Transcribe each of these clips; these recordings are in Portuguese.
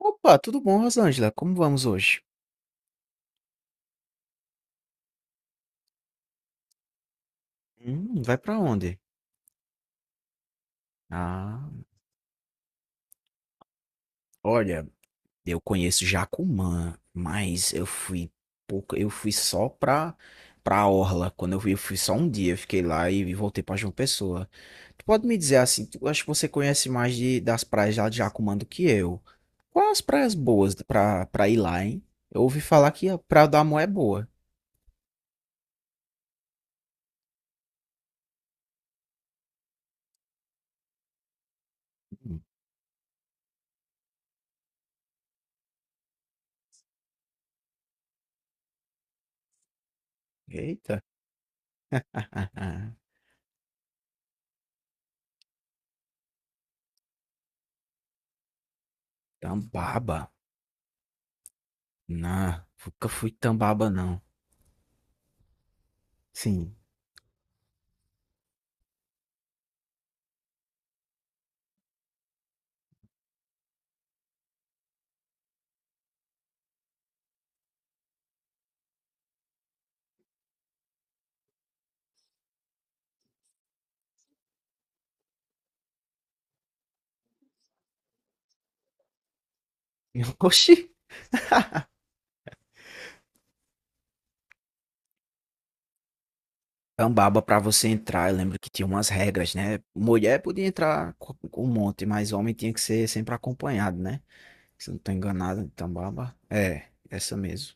Opa, tudo bom, Rosângela? Como vamos hoje? Vai pra onde? Ah, olha, eu conheço Jacumã, mas eu fui pouco, eu fui só pra orla. Quando eu fui só um dia, eu fiquei lá e voltei pra João Pessoa. Tu pode me dizer assim, tu, eu acho que você conhece mais das praias lá de Jacumã do que eu. Quais as praias boas pra ir lá, hein? Eu ouvi falar que a Praia da Amor é boa. Hum. Eita. Tambaba. Não, nunca fui Tambaba, não. Sim. Oxi. Cambaba pra você entrar, eu lembro que tinha umas regras, né? Mulher podia entrar com um monte, mas homem tinha que ser sempre acompanhado, né? Se eu não tô enganado, Tambaba. É, essa mesmo.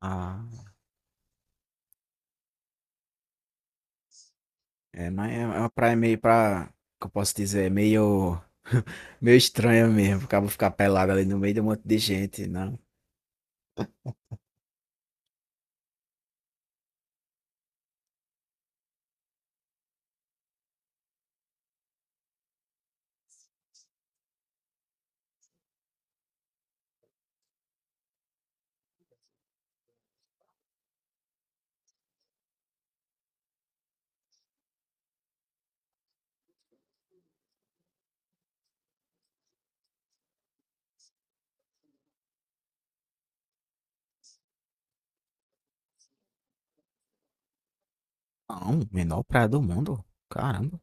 Ah, é, mas é uma praia meio pra, que eu posso dizer, é meio, meio estranha mesmo. Acaba ficar pelado ali no meio de um monte de gente, não. Não, menor praia do mundo. Caramba.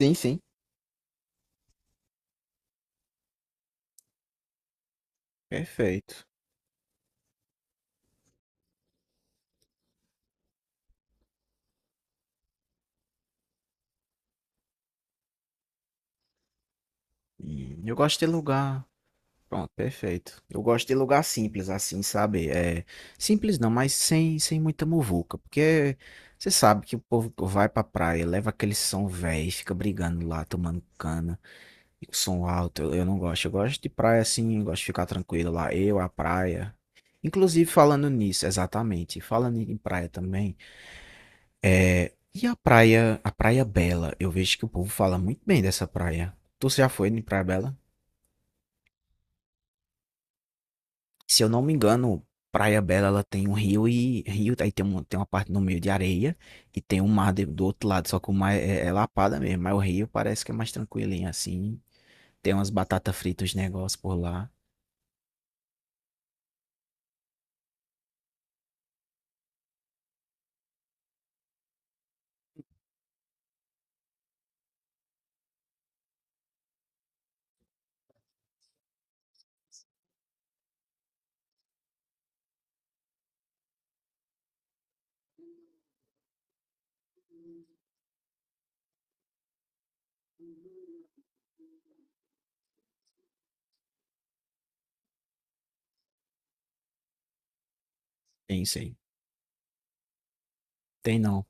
Sim, sim. Perfeito. E eu gosto de lugar. Pronto, perfeito. Eu gosto de lugar simples, assim, sabe? É, simples não, mas sem muita muvuca. Porque você sabe que o povo vai pra praia, leva aquele som velho, fica brigando lá, tomando cana, e o som alto. Eu não gosto. Eu gosto de praia assim, eu gosto de ficar tranquilo lá. Eu, a praia. Inclusive, falando nisso, exatamente. Falando em praia também, é, e a Praia Bela? Eu vejo que o povo fala muito bem dessa praia. Tu já foi em Praia Bela? Se eu não me engano, Praia Bela ela tem um rio e rio, aí tem, um, tem uma parte no meio de areia e tem um mar do outro lado, só que o mar é lapada mesmo, mas o rio parece que é mais tranquilinho assim. Tem umas batatas fritas, negócio por lá. Tem isso aí. Tem não.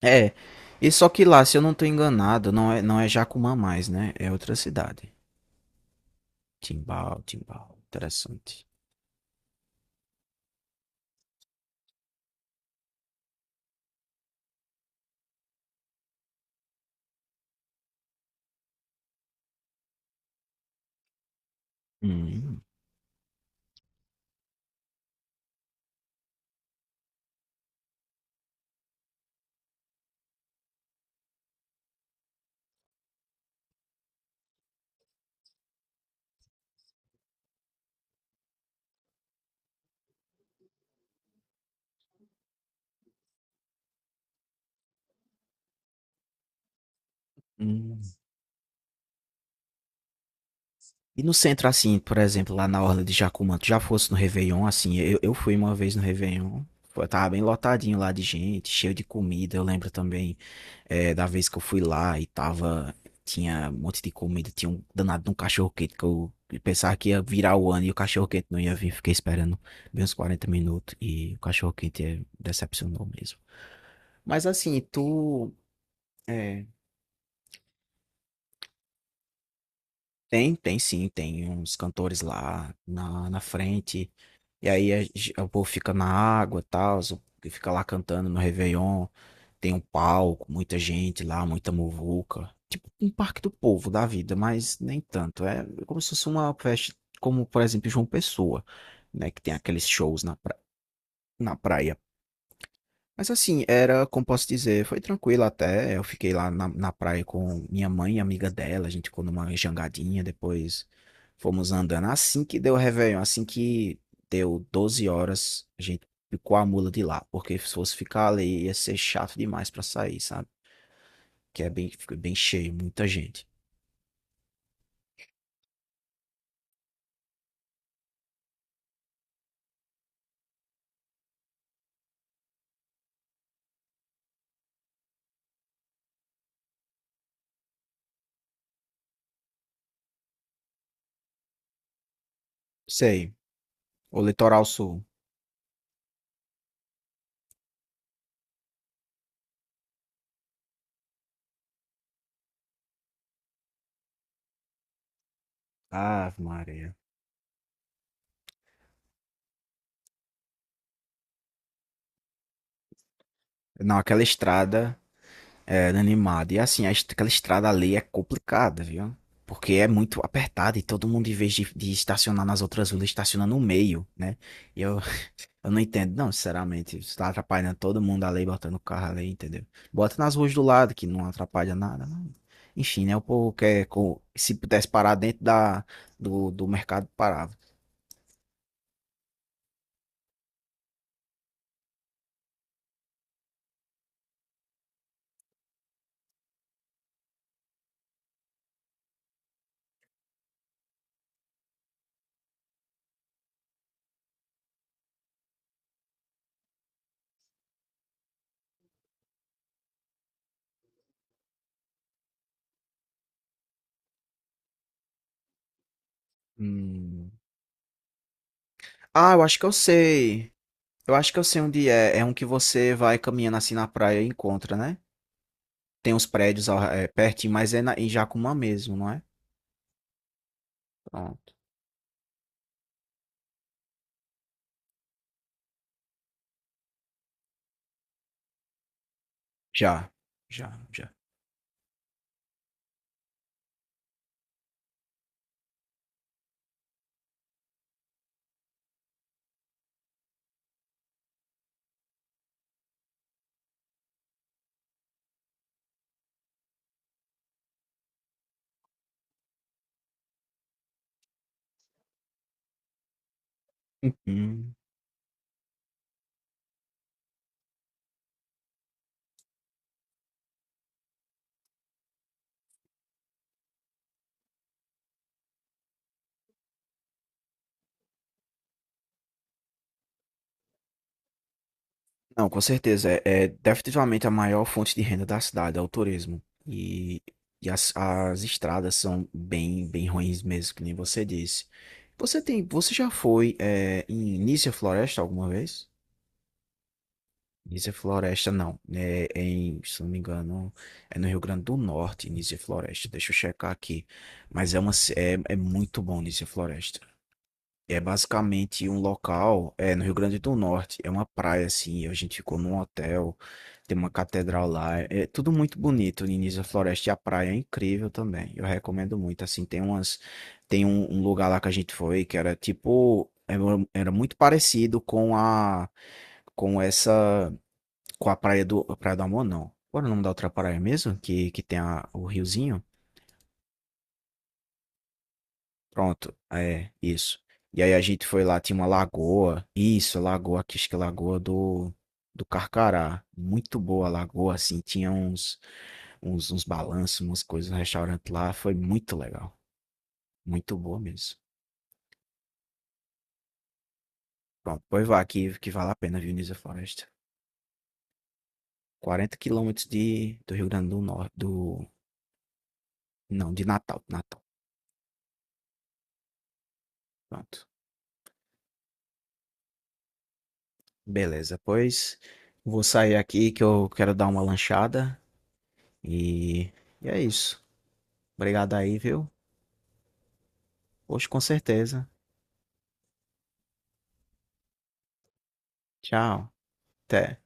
É. E só que lá, se eu não tô enganado, não é Jacumã mais, né? É outra cidade. Timbal, Timbal. Interessante. Hum, hum. E no centro, assim, por exemplo, lá na Orla de Jacumã, tu já fosse no Réveillon, assim, eu fui uma vez no Réveillon, foi, tava bem lotadinho lá de gente, cheio de comida, eu lembro também da vez que eu fui lá e tava, tinha um monte de comida, tinha um danado de um cachorro-quente que eu pensava que ia virar o ano e o cachorro-quente não ia vir, fiquei esperando bem uns 40 minutos e o cachorro-quente decepcionou mesmo. Mas assim, tu... eh, tem sim, tem uns cantores lá na frente. E aí o povo fica na água e tal, o- que fica lá cantando no Réveillon. Tem um palco, muita gente lá, muita muvuca. Tipo um parque do povo da vida, mas nem tanto. É como se fosse uma festa, como por exemplo João Pessoa, né? Que tem aqueles shows na, pra- na praia. Mas assim, era, como posso dizer, foi tranquilo até. Eu fiquei lá na praia com minha mãe e amiga dela. A gente ficou numa jangadinha, depois fomos andando. Assim que deu o Réveillon, assim que deu 12 horas, a gente picou a mula de lá. Porque se fosse ficar ali, ia ser chato demais pra sair, sabe? Que é bem, fica bem cheio, muita gente. Sei, o litoral sul. Ave Maria. Não, aquela estrada. Era animado. E assim, aquela estrada ali é complicada, viu? Porque é muito apertada e todo mundo, em vez de estacionar nas outras ruas, estaciona no meio, né? E eu, eu não entendo, não, sinceramente. Isso tá atrapalhando todo mundo ali, botando o carro ali, entendeu? Bota nas ruas do lado, que não atrapalha nada. Não. Enfim, né? O povo quer. Se pudesse parar dentro do mercado, parava. Hum. Ah, eu acho que eu sei. Eu acho que eu sei onde é. É um que você vai caminhando assim na praia e encontra, né? Tem uns prédios pertinho, mas é na, em Jacumã mesmo, não é? Pronto. Já, já, já. Uhum. Não, com certeza. É definitivamente a maior fonte de renda da cidade, é o turismo. E, e as estradas são bem, bem ruins mesmo, que nem você disse. Você tem, você já foi em Nícia Floresta alguma vez? Nícia Floresta, não. É é em, se não me engano, é no Rio Grande do Norte, Nícia Floresta. Deixa eu checar aqui. Mas é muito bom Nícia Floresta. É basicamente um local, é no Rio Grande do Norte, é uma praia assim, a gente ficou num hotel, tem uma catedral lá, é tudo muito bonito, no início da floresta e a praia é incrível também. Eu recomendo muito, assim, tem umas tem um lugar lá que a gente foi que era tipo era, era muito parecido com essa com a Praia do Amor, não. Qual era o nome da outra praia mesmo? Que tem a, o riozinho? Pronto, é, isso. E aí a gente foi lá, tinha uma lagoa. Isso, lagoa, aqui, acho que é lagoa do, do Carcará. Muito boa a lagoa, assim, tinha uns balanços, umas coisas, um restaurante lá. Foi muito legal. Muito boa mesmo. Pronto, pois vá aqui, que vale a pena, viu, Nisa Floresta. 40 quilômetros de, do Rio Grande do Norte, do... Não, de Natal, Natal. Pronto. Beleza, pois vou sair aqui que eu quero dar uma lanchada e, e é isso. Obrigado aí, viu? Hoje com certeza. Tchau. Até.